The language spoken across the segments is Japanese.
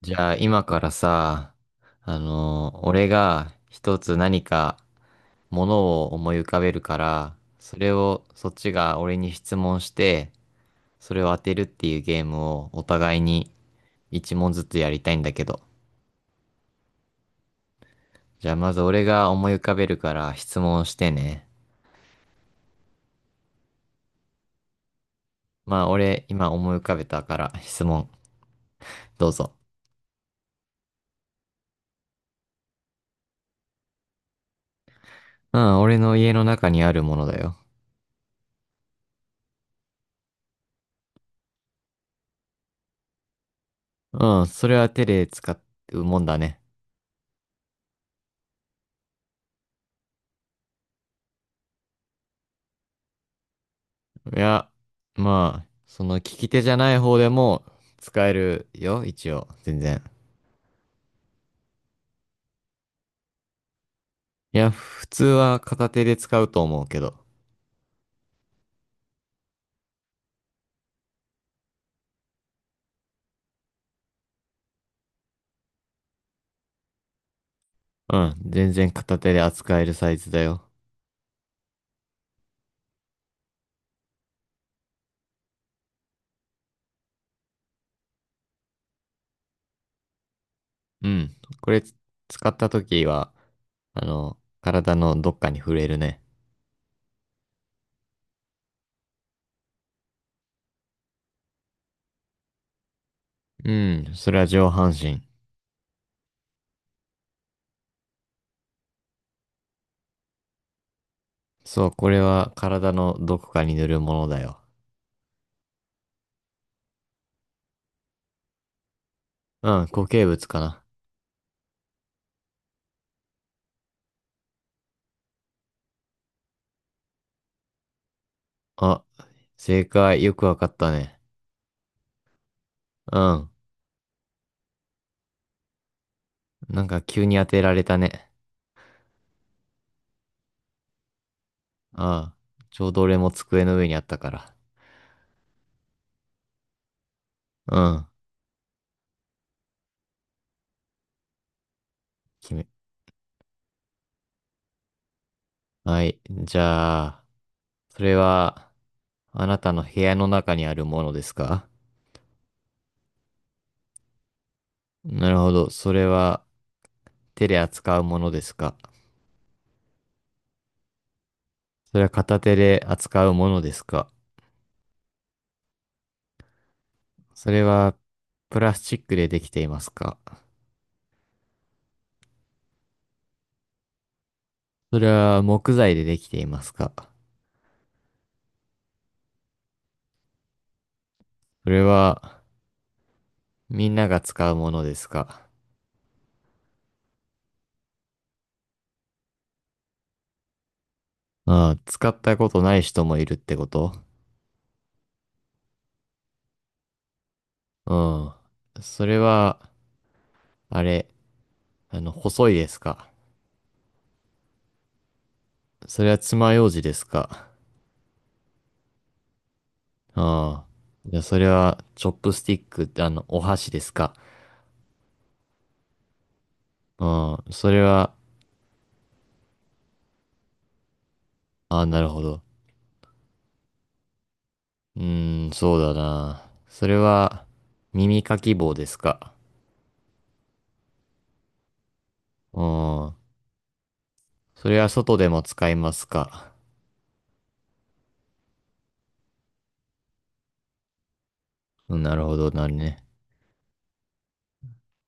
じゃあ今からさ、俺が一つ何かものを思い浮かべるから、それをそっちが俺に質問して、それを当てるっていうゲームをお互いに一問ずつやりたいんだけど。じゃあまず俺が思い浮かべるから質問してね。まあ俺今思い浮かべたから質問どうぞ。うん、俺の家の中にあるものだよ。うん、それは手で使うもんだね。いや、まあ、その利き手じゃない方でも使えるよ、一応、全然。いや、普通は片手で使うと思うけど。うん、全然片手で扱えるサイズだよ。うん、これつ使った時は、体のどっかに触れるね。うん、それは上半身。そう、これは体のどこかに塗るものだよ。うん、固形物かな。あ、正解、よくわかったね。うん、なんか急に当てられたね。ああ、ちょうど俺も机の上にあったから。うん、決め。はい。じゃあ、それは、あなたの部屋の中にあるものですか？なるほど。それは、手で扱うものですか？それは片手で扱うものですか？それは、プラスチックでできていますか？それは、木材でできていますか？それは、みんなが使うものですか？ああ、使ったことない人もいるってこと？うん。それは、あれ、細いですか？それは爪楊枝ですか？ああ。じゃあ、それは、チョップスティックってお箸ですか？うん。それは、ああ、なるほど。うーん、そうだな。それは、耳かき棒ですか？うん。それは外でも使いますか？うん、なるほど、なるね。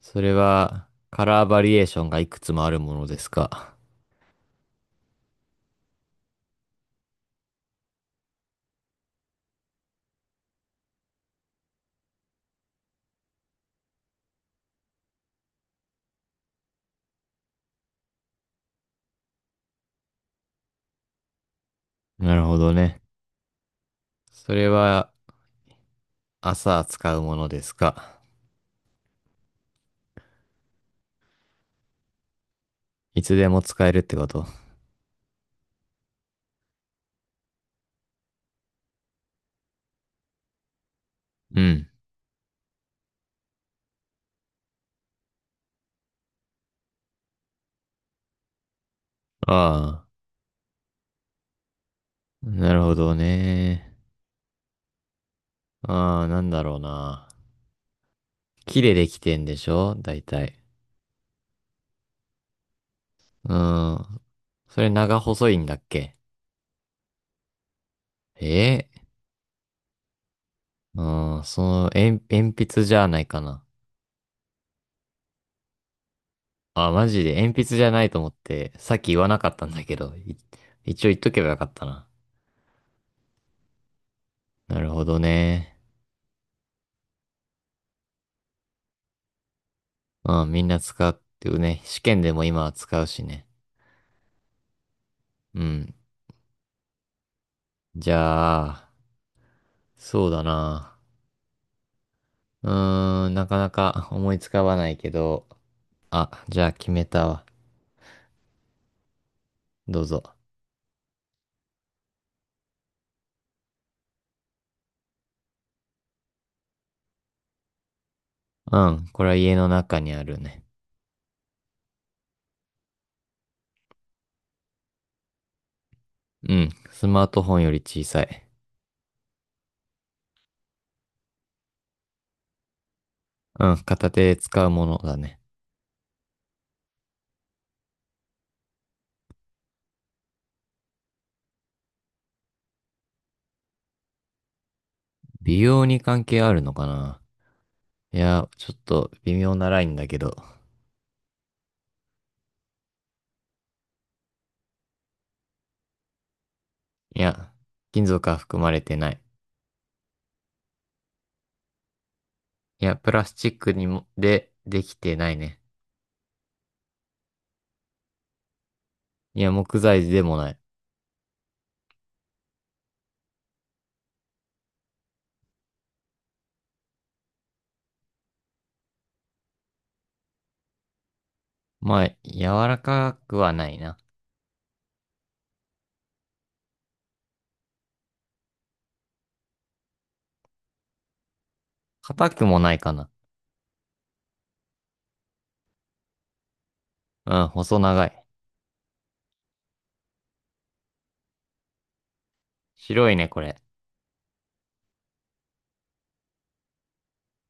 それは、カラーバリエーションがいくつもあるものですか？なるほどね。それは、朝使うものですか？いつでも使えるってこと？うん。ああ、なるほどね。ああ、なんだろうな。木でできてんでしょ大体。うん。それ長細いんだっけ？ええ、うん、鉛筆じゃないかな。あ、マジで鉛筆じゃないと思って、さっき言わなかったんだけど、一応言っとけばよかったな。なるほどね。うん、みんな使ってるね。試験でも今は使うしね。うん。じゃあ、そうだな。うーん、なかなか思いつかわないけど、あ、じゃあ決めたわ。どうぞ。うん、これは家の中にあるね。うん、スマートフォンより小さい。うん、片手で使うものだね。美容に関係あるのかな？いや、ちょっと微妙なラインだけど。いや、金属は含まれてない。いや、プラスチックにも、できてないね。いや、木材でもない。まあ、柔らかくはないな。硬くもないかな。うん、細長い。白いね、これ。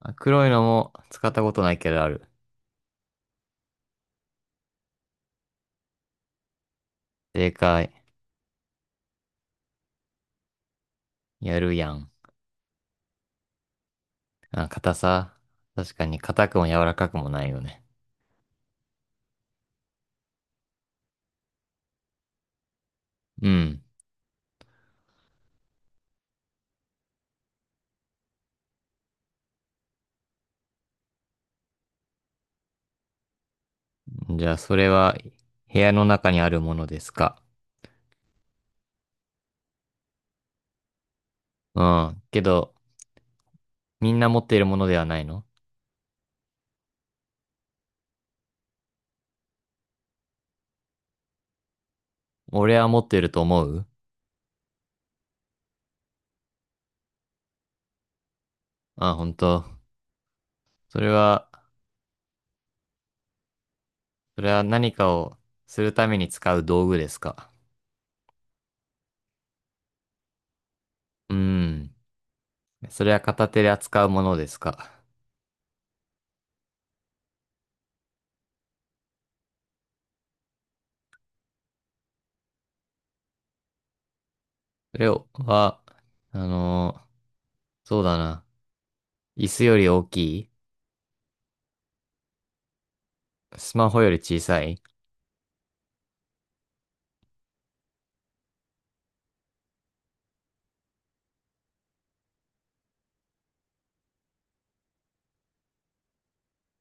あ、黒いのも使ったことないけどある。正解。やるやん。あ、硬さ。確かに硬くも柔らかくもないよね。うん。じゃあ、それは部屋の中にあるものですか。うん。けど、みんな持っているものではないの？俺は持っていると思う？あ、本当。それは、それは、何かをするために使う道具ですか。うん。それは片手で扱うものですか。それは、あのーそうだな。椅子より大きい？スマホより小さい？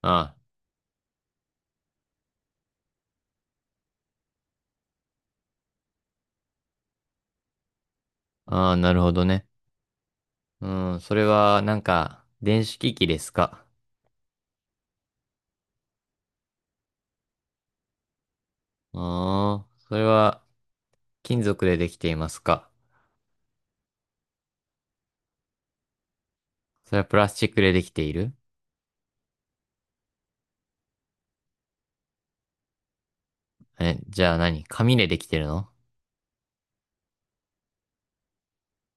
ああ、ああ、なるほどね。うん、それは、なんか、電子機器ですか？うーん、それは、金属でできていますか？それはプラスチックでできている？え、じゃあ何紙でできてるの？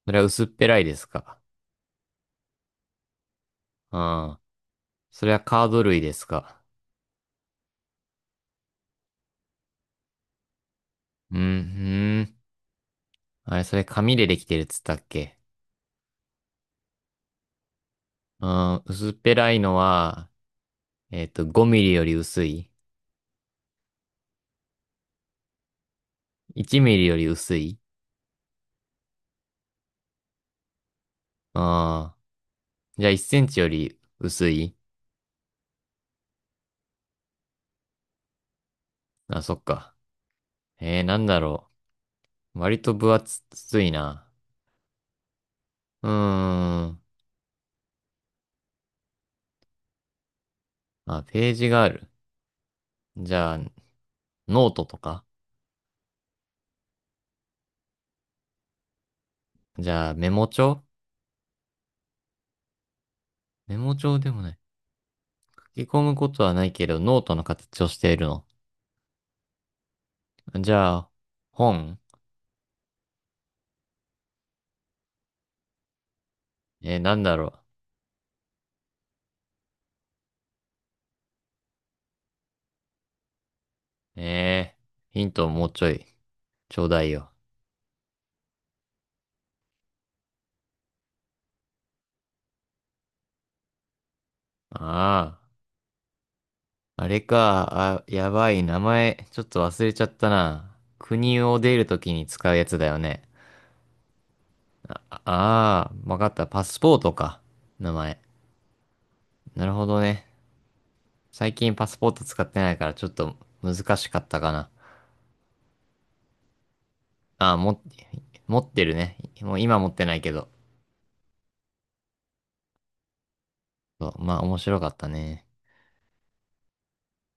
それは薄っぺらいですか？うん、それはカード類ですか？うん、うん。あれ、それ紙でできてるっつったっけ？うん、薄っぺらいのは、5ミリより薄い ?1 ミリより薄い？うん、じゃあ1センチより薄い？あ、そっか。なんだろう。割と分厚いな。うーん。あ、ページがある。じゃあ、ノートとか？じゃあ、メモ帳？メモ帳でもない。書き込むことはないけど、ノートの形をしているの。じゃあ、本？なんだろう。ヒントもうちょい、ちょうだいよ。ああ、あれか。あ、やばい。名前、ちょっと忘れちゃったな。国を出るときに使うやつだよね。ああー、わかった。パスポートか。名前。なるほどね。最近パスポート使ってないからちょっと難しかったかな。あ、持ってるね。もう今持ってないけど。そうまあ面白かったね。